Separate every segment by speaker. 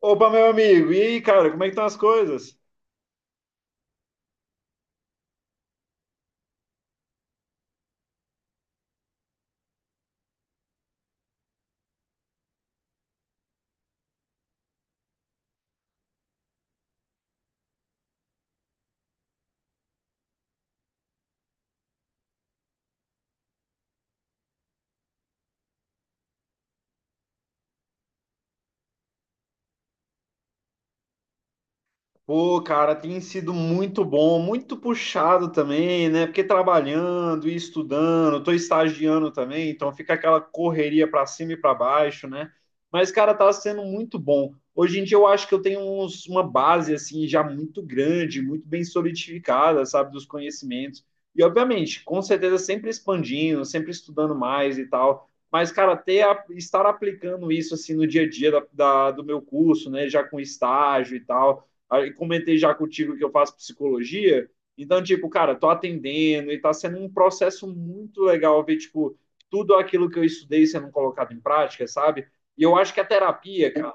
Speaker 1: Opa, meu amigo, e aí, cara, como é que estão as coisas? Pô, cara, tem sido muito bom, muito puxado também, né? Porque trabalhando e estudando, tô estagiando também, então fica aquela correria para cima e para baixo, né? Mas, cara, tá sendo muito bom. Hoje em dia eu acho que uma base, assim, já muito grande, muito bem solidificada, sabe, dos conhecimentos. E, obviamente, com certeza sempre expandindo, sempre estudando mais e tal. Mas, cara, estar aplicando isso, assim, no dia a dia do meu curso, né? Já com estágio e tal. Aí comentei já contigo que eu faço psicologia. Então, tipo, cara, tô atendendo e tá sendo um processo muito legal ver, tipo, tudo aquilo que eu estudei sendo colocado em prática, sabe? E eu acho que a terapia, cara,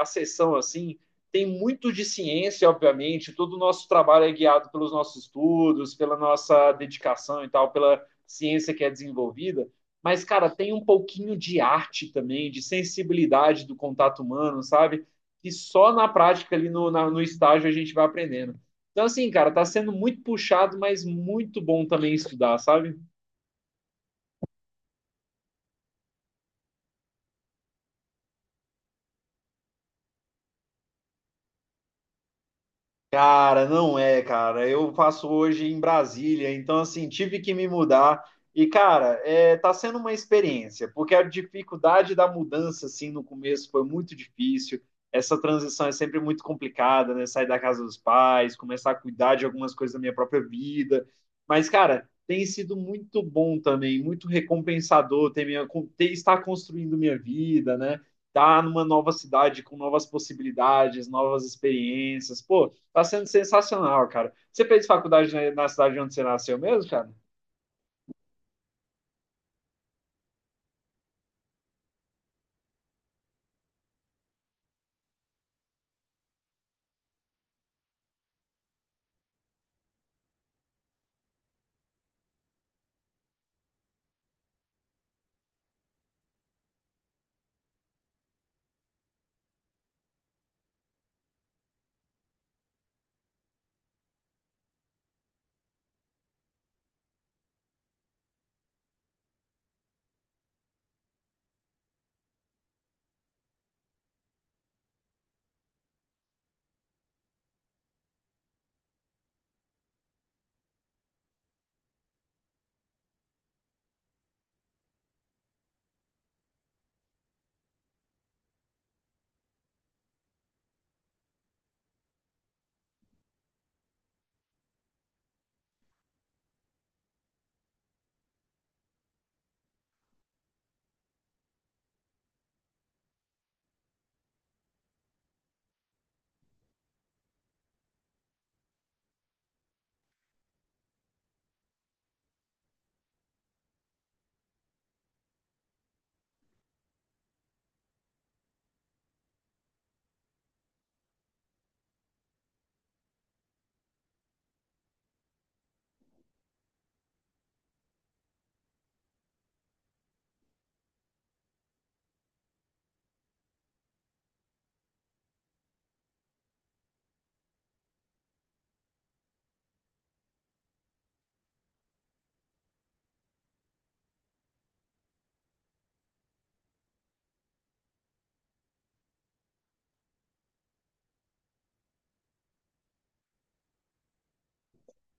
Speaker 1: a sessão assim, tem muito de ciência, obviamente. Todo o nosso trabalho é guiado pelos nossos estudos, pela nossa dedicação e tal, pela ciência que é desenvolvida. Mas, cara, tem um pouquinho de arte também, de sensibilidade do contato humano, sabe? Que só na prática ali no estágio a gente vai aprendendo. Então, assim, cara, tá sendo muito puxado, mas muito bom também estudar, sabe? Cara, não é, cara. Eu faço hoje em Brasília, então assim, tive que me mudar. E, cara, é, tá sendo uma experiência, porque a dificuldade da mudança, assim, no começo foi muito difícil. Essa transição é sempre muito complicada, né? Sair da casa dos pais, começar a cuidar de algumas coisas da minha própria vida. Mas, cara, tem sido muito bom também, muito recompensador ter, estar construindo minha vida, né? Estar numa nova cidade com novas possibilidades, novas experiências. Pô, tá sendo sensacional, cara. Você fez faculdade na cidade onde você nasceu mesmo, cara?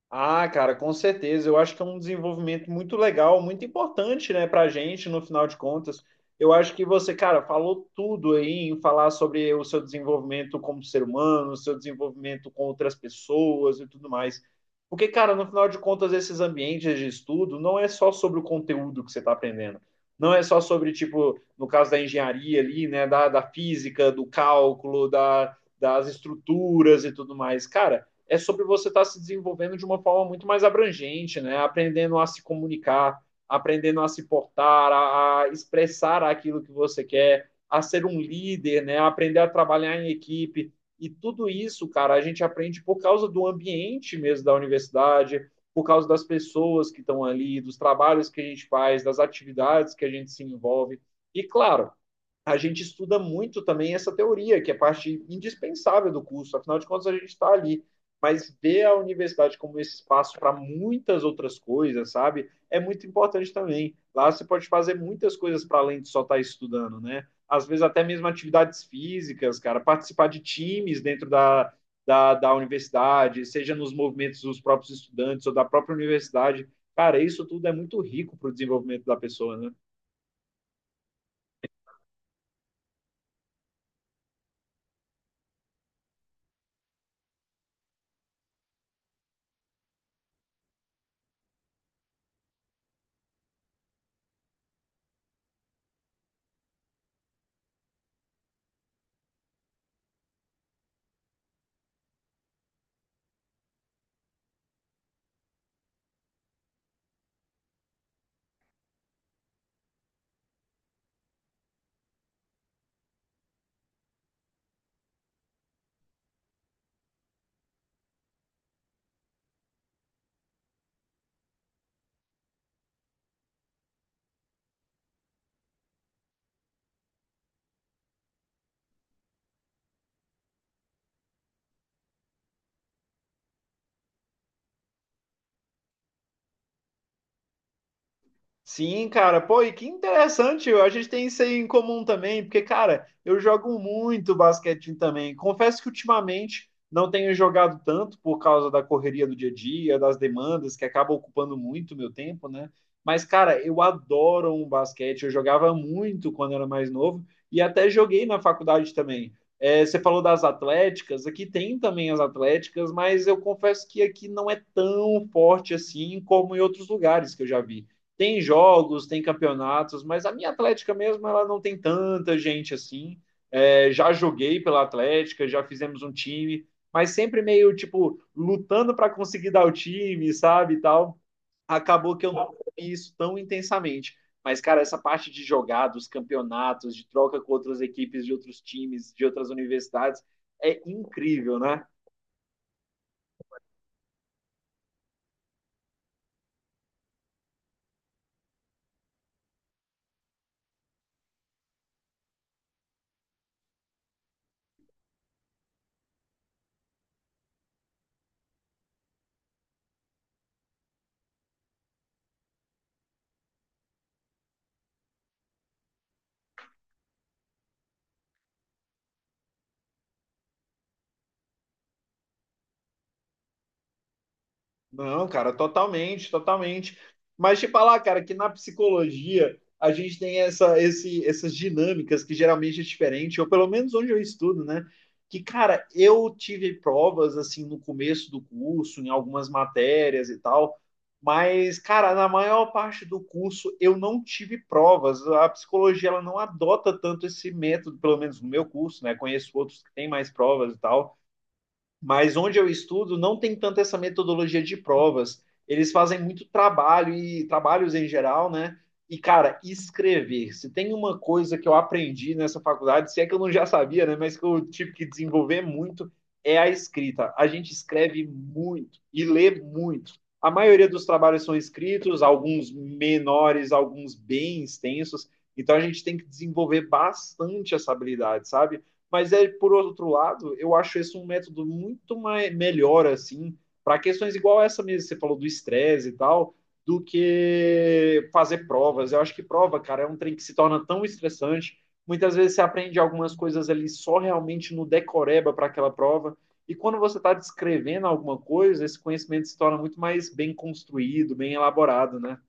Speaker 1: Ah, cara, com certeza. Eu acho que é um desenvolvimento muito legal, muito importante, né, pra gente, no final de contas. Eu acho que você, cara, falou tudo aí em falar sobre o seu desenvolvimento como ser humano, o seu desenvolvimento com outras pessoas e tudo mais. Porque, cara, no final de contas, esses ambientes de estudo não é só sobre o conteúdo que você está aprendendo. Não é só sobre, tipo, no caso da engenharia ali, né, da física, do cálculo, das estruturas e tudo mais. Cara, é sobre você estar se desenvolvendo de uma forma muito mais abrangente, né? Aprendendo a se comunicar, aprendendo a se portar, a expressar aquilo que você quer, a ser um líder, né? Aprender a trabalhar em equipe. E tudo isso, cara, a gente aprende por causa do ambiente mesmo da universidade, por causa das pessoas que estão ali, dos trabalhos que a gente faz, das atividades que a gente se envolve. E, claro, a gente estuda muito também essa teoria, que é parte indispensável do curso, afinal de contas a gente está ali. Mas ver a universidade como esse espaço para muitas outras coisas, sabe? É muito importante também. Lá você pode fazer muitas coisas para além de só estar estudando, né? Às vezes até mesmo atividades físicas, cara, participar de times dentro da universidade, seja nos movimentos dos próprios estudantes ou da própria universidade. Cara, isso tudo é muito rico para o desenvolvimento da pessoa, né? Sim, cara, pô, e que interessante, a gente tem isso aí em comum também, porque, cara, eu jogo muito basquete também. Confesso que ultimamente não tenho jogado tanto por causa da correria do dia a dia, das demandas, que acaba ocupando muito meu tempo, né? Mas, cara, eu adoro um basquete, eu jogava muito quando era mais novo e até joguei na faculdade também. É, você falou das atléticas, aqui tem também as atléticas, mas eu confesso que aqui não é tão forte assim como em outros lugares que eu já vi. Tem jogos, tem campeonatos, mas a minha Atlética mesmo, ela não tem tanta gente assim. É, já joguei pela Atlética, já fizemos um time, mas sempre meio, tipo, lutando para conseguir dar o time, sabe, e tal. Acabou que eu não vi isso tão intensamente. Mas, cara, essa parte de jogar, dos campeonatos, de troca com outras equipes de outros times, de outras universidades, é incrível, né? Não, cara, totalmente, totalmente. Mas te falar, cara, que na psicologia a gente tem essas dinâmicas que geralmente é diferente, ou pelo menos onde eu estudo, né? Que, cara, eu tive provas assim no começo do curso, em algumas matérias e tal, mas, cara, na maior parte do curso eu não tive provas. A psicologia ela não adota tanto esse método, pelo menos no meu curso, né? Conheço outros que têm mais provas e tal, mas onde eu estudo não tem tanto essa metodologia de provas. Eles fazem muito trabalho e trabalhos em geral, né? E, cara, escrever. Se tem uma coisa que eu aprendi nessa faculdade, se é que eu não já sabia, né? Mas que eu tive que desenvolver muito, é a escrita. A gente escreve muito e lê muito. A maioria dos trabalhos são escritos, alguns menores, alguns bem extensos. Então a gente tem que desenvolver bastante essa habilidade, sabe? Mas é por outro lado, eu acho esse um método muito mais, melhor assim para questões igual essa mesmo, que você falou do estresse e tal, do que fazer provas. Eu acho que prova, cara, é um trem que se torna tão estressante. Muitas vezes você aprende algumas coisas ali só realmente no decoreba para aquela prova. E quando você está descrevendo alguma coisa, esse conhecimento se torna muito mais bem construído, bem elaborado, né?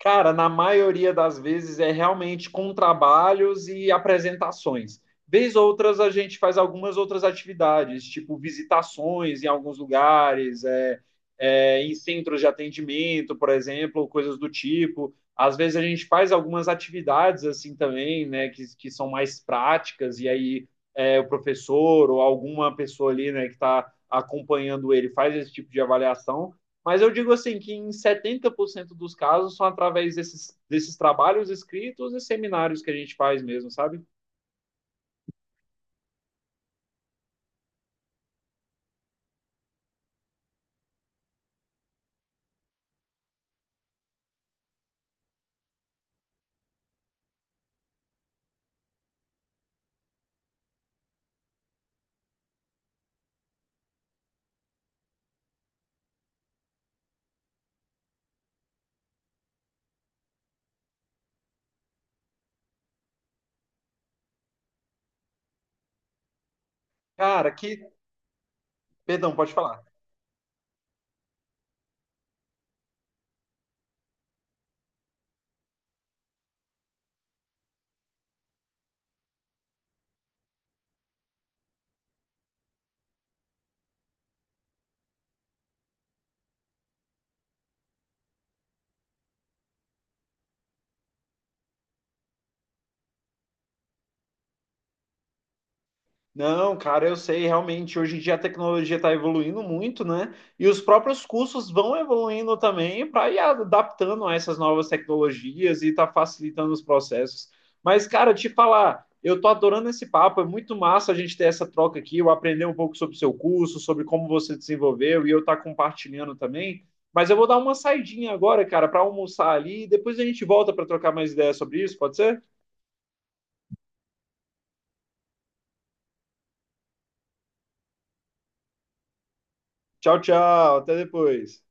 Speaker 1: Cara, na maioria das vezes é realmente com trabalhos e apresentações. Vez outras a gente faz algumas outras atividades, tipo visitações em alguns lugares, em centros de atendimento, por exemplo, coisas do tipo. Às vezes a gente faz algumas atividades assim também, né, que são mais práticas, e aí é, o professor ou alguma pessoa ali, né, que está acompanhando ele faz esse tipo de avaliação. Mas eu digo assim que em 70% dos casos são através desses trabalhos escritos e seminários que a gente faz mesmo, sabe? Cara, que. Perdão, pode falar. Não, cara, eu sei, realmente, hoje em dia a tecnologia está evoluindo muito, né? E os próprios cursos vão evoluindo também para ir adaptando a essas novas tecnologias e está facilitando os processos. Mas, cara, te falar, eu tô adorando esse papo, é muito massa a gente ter essa troca aqui, eu aprender um pouco sobre o seu curso, sobre como você desenvolveu e eu estar compartilhando também. Mas eu vou dar uma saidinha agora, cara, para almoçar ali e depois a gente volta para trocar mais ideias sobre isso, pode ser? Tchau, tchau, até depois.